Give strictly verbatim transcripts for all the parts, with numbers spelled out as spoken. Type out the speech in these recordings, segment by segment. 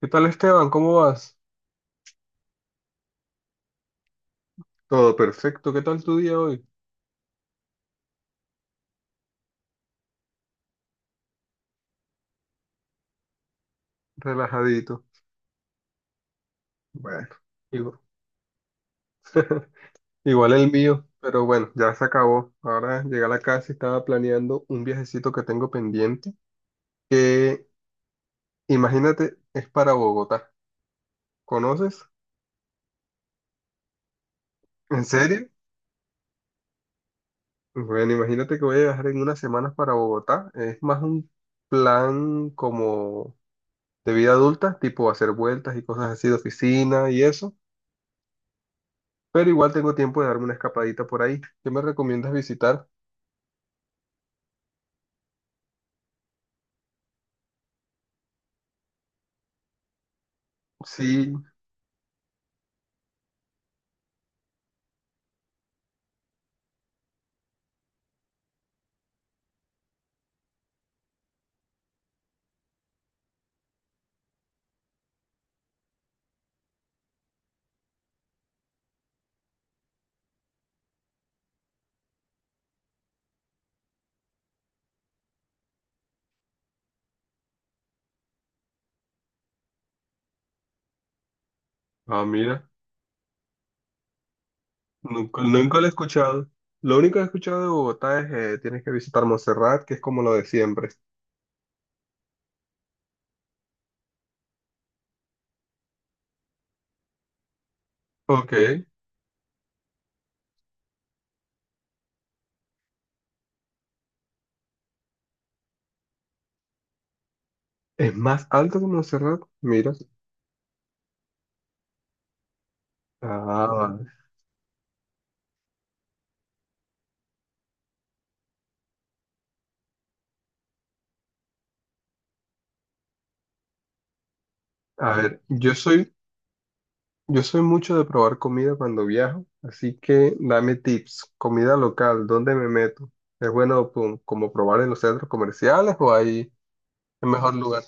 ¿Qué tal Esteban? ¿Cómo vas? Todo perfecto. ¿Qué tal tu día hoy? Relajadito. Bueno, igual, igual el mío, pero bueno, ya se acabó. Ahora llegué a la casa y estaba planeando un viajecito que tengo pendiente, que imagínate, es para Bogotá. ¿Conoces? ¿En serio? Bueno, imagínate que voy a viajar en unas semanas para Bogotá. Es más un plan como de vida adulta, tipo hacer vueltas y cosas así de oficina y eso. Pero igual tengo tiempo de darme una escapadita por ahí. ¿Qué me recomiendas visitar? Sí. Ah, mira, nunca, nunca lo he escuchado. Lo único que he escuchado de Bogotá es eh, tienes que visitar Montserrat, que es como lo de siempre. Ok. ¿Es más alto que Montserrat? Mira. Ah, vale. A ver, yo soy, yo soy mucho de probar comida cuando viajo, así que dame tips. Comida local, ¿dónde me meto? ¿Es bueno pum, como probar en los centros comerciales o ahí es mejor lugar?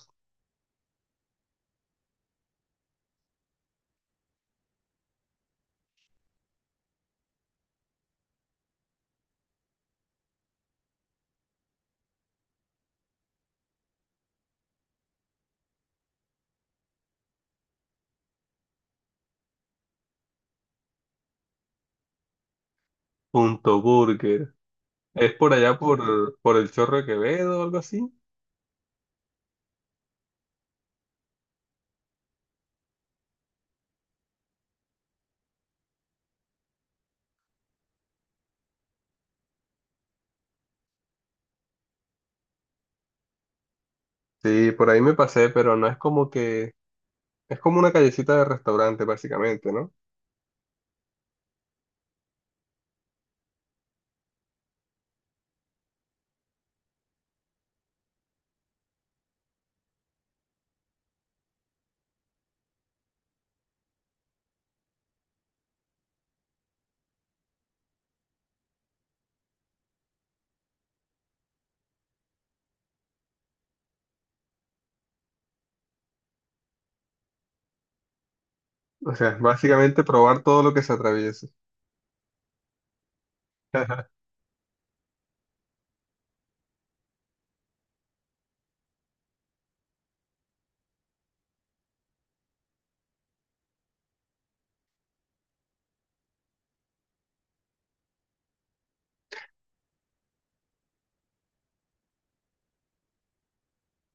Punto Burger. Es por allá por, por el Chorro de Quevedo o algo así. Sí, por ahí me pasé, pero no es como que... Es como una callecita de restaurante, básicamente, ¿no? O sea, es básicamente probar todo lo que se atraviese.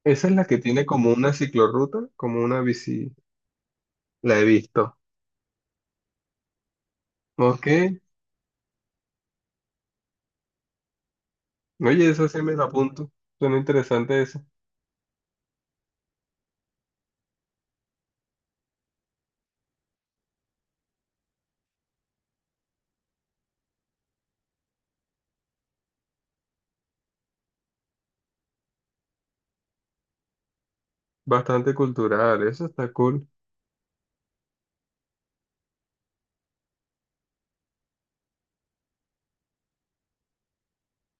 Esa es la que tiene como una ciclorruta, como una bici. La he visto. Ok. Oye, eso sí me la apunto. Suena interesante eso. Bastante cultural, eso está cool.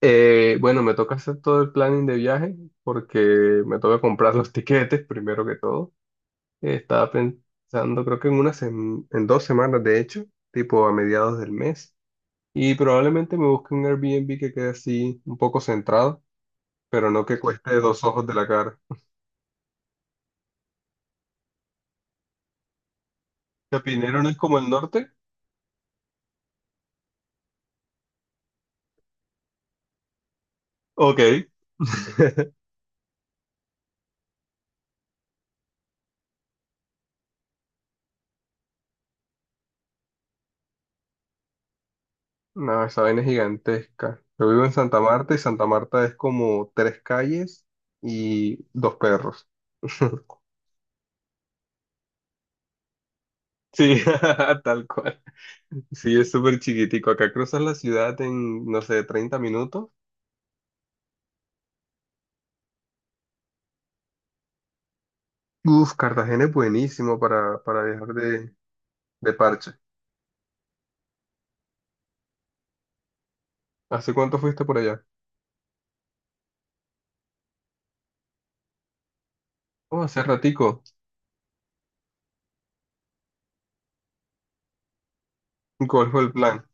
Eh, bueno, me toca hacer todo el planning de viaje porque me toca comprar los tiquetes primero que todo. Estaba pensando, creo que en unas en, dos semanas, de hecho, tipo a mediados del mes. Y probablemente me busque un Airbnb que quede así un poco centrado, pero no que cueste dos ojos de la cara. ¿Chapinero no es como el norte? Ok. No, esa vaina es gigantesca. Yo vivo en Santa Marta y Santa Marta es como tres calles y dos perros. Sí, tal cual. Sí, es súper chiquitico. Acá cruzas la ciudad en, no sé, treinta minutos. Uf, Cartagena es buenísimo para, para viajar de, de parche. ¿Hace cuánto fuiste por allá? Oh, hace ratico. ¿Cuál fue el plan?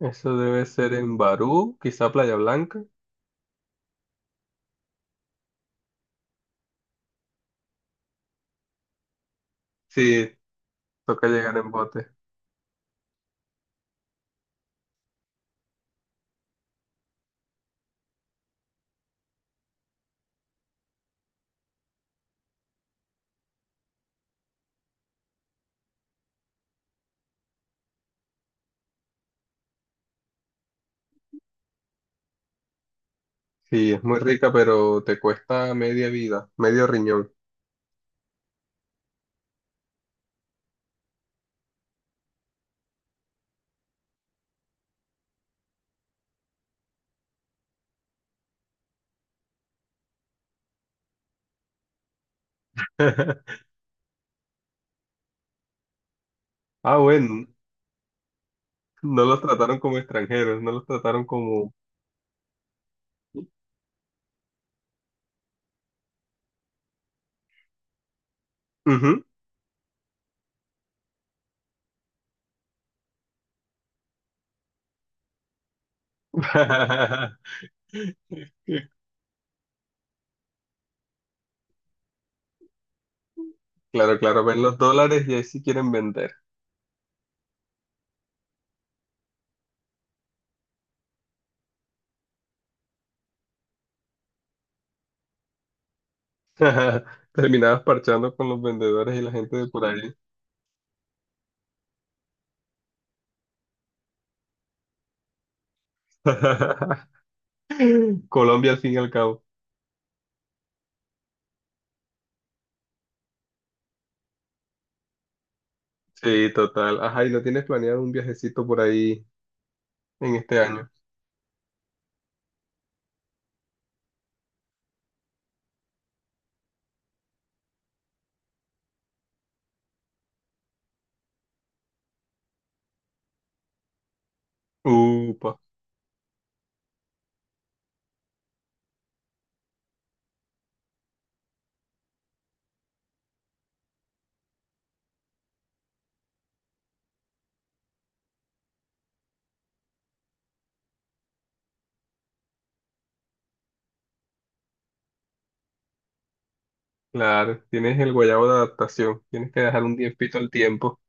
Eso debe ser en Barú, quizá Playa Blanca. Sí, toca llegar en bote. Sí, es muy rica, pero te cuesta media vida, medio riñón. Ah, bueno, no los trataron como extranjeros, no los trataron como... Ujú. Claro, claro, ven los dólares y ahí sí quieren vender. Terminabas parchando con los vendedores y la gente de por ahí. Colombia al fin y al cabo. Sí, total. Ajá, ¿y no tienes planeado un viajecito por ahí en este año? Upa, claro. Tienes el guayabo de adaptación. Tienes que dejar un tiempito al tiempo.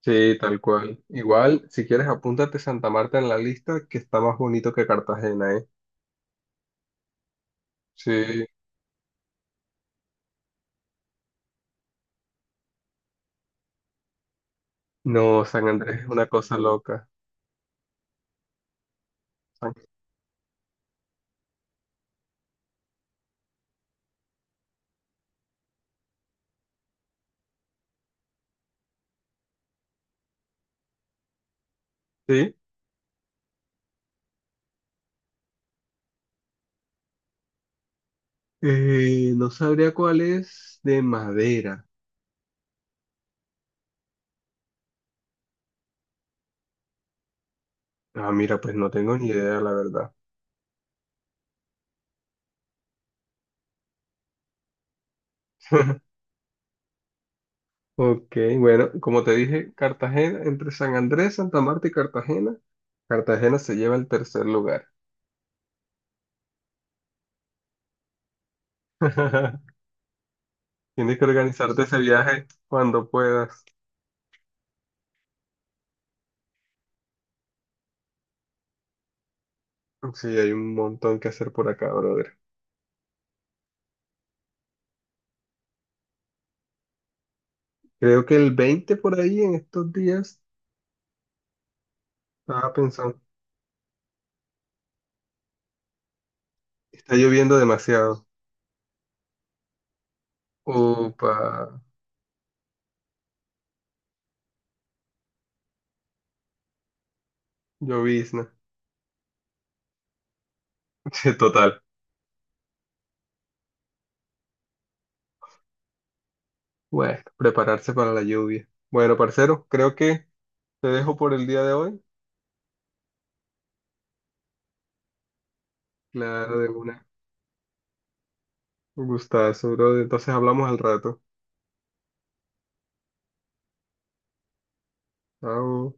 Sí, tal cual. Igual, si quieres, apúntate Santa Marta en la lista, que está más bonito que Cartagena, ¿eh? Sí. No, San Andrés es una cosa loca. San- Sí. Eh, no sabría cuál es de madera. Ah, mira, pues no tengo ni idea, la verdad. Ok, bueno, como te dije, Cartagena, entre San Andrés, Santa Marta y Cartagena, Cartagena se lleva el tercer lugar. Tienes que organizarte ese viaje cuando puedas. Sí, hay un montón que hacer por acá, brother. Creo que el veinte por ahí en estos días, estaba pensando, está lloviendo demasiado. Upa, llovizna. Sí, total. Bueno, prepararse para la lluvia. Bueno, parcero, creo que te dejo por el día de hoy. Claro, de una. Un gustazo, brother. Entonces hablamos al rato. Chao.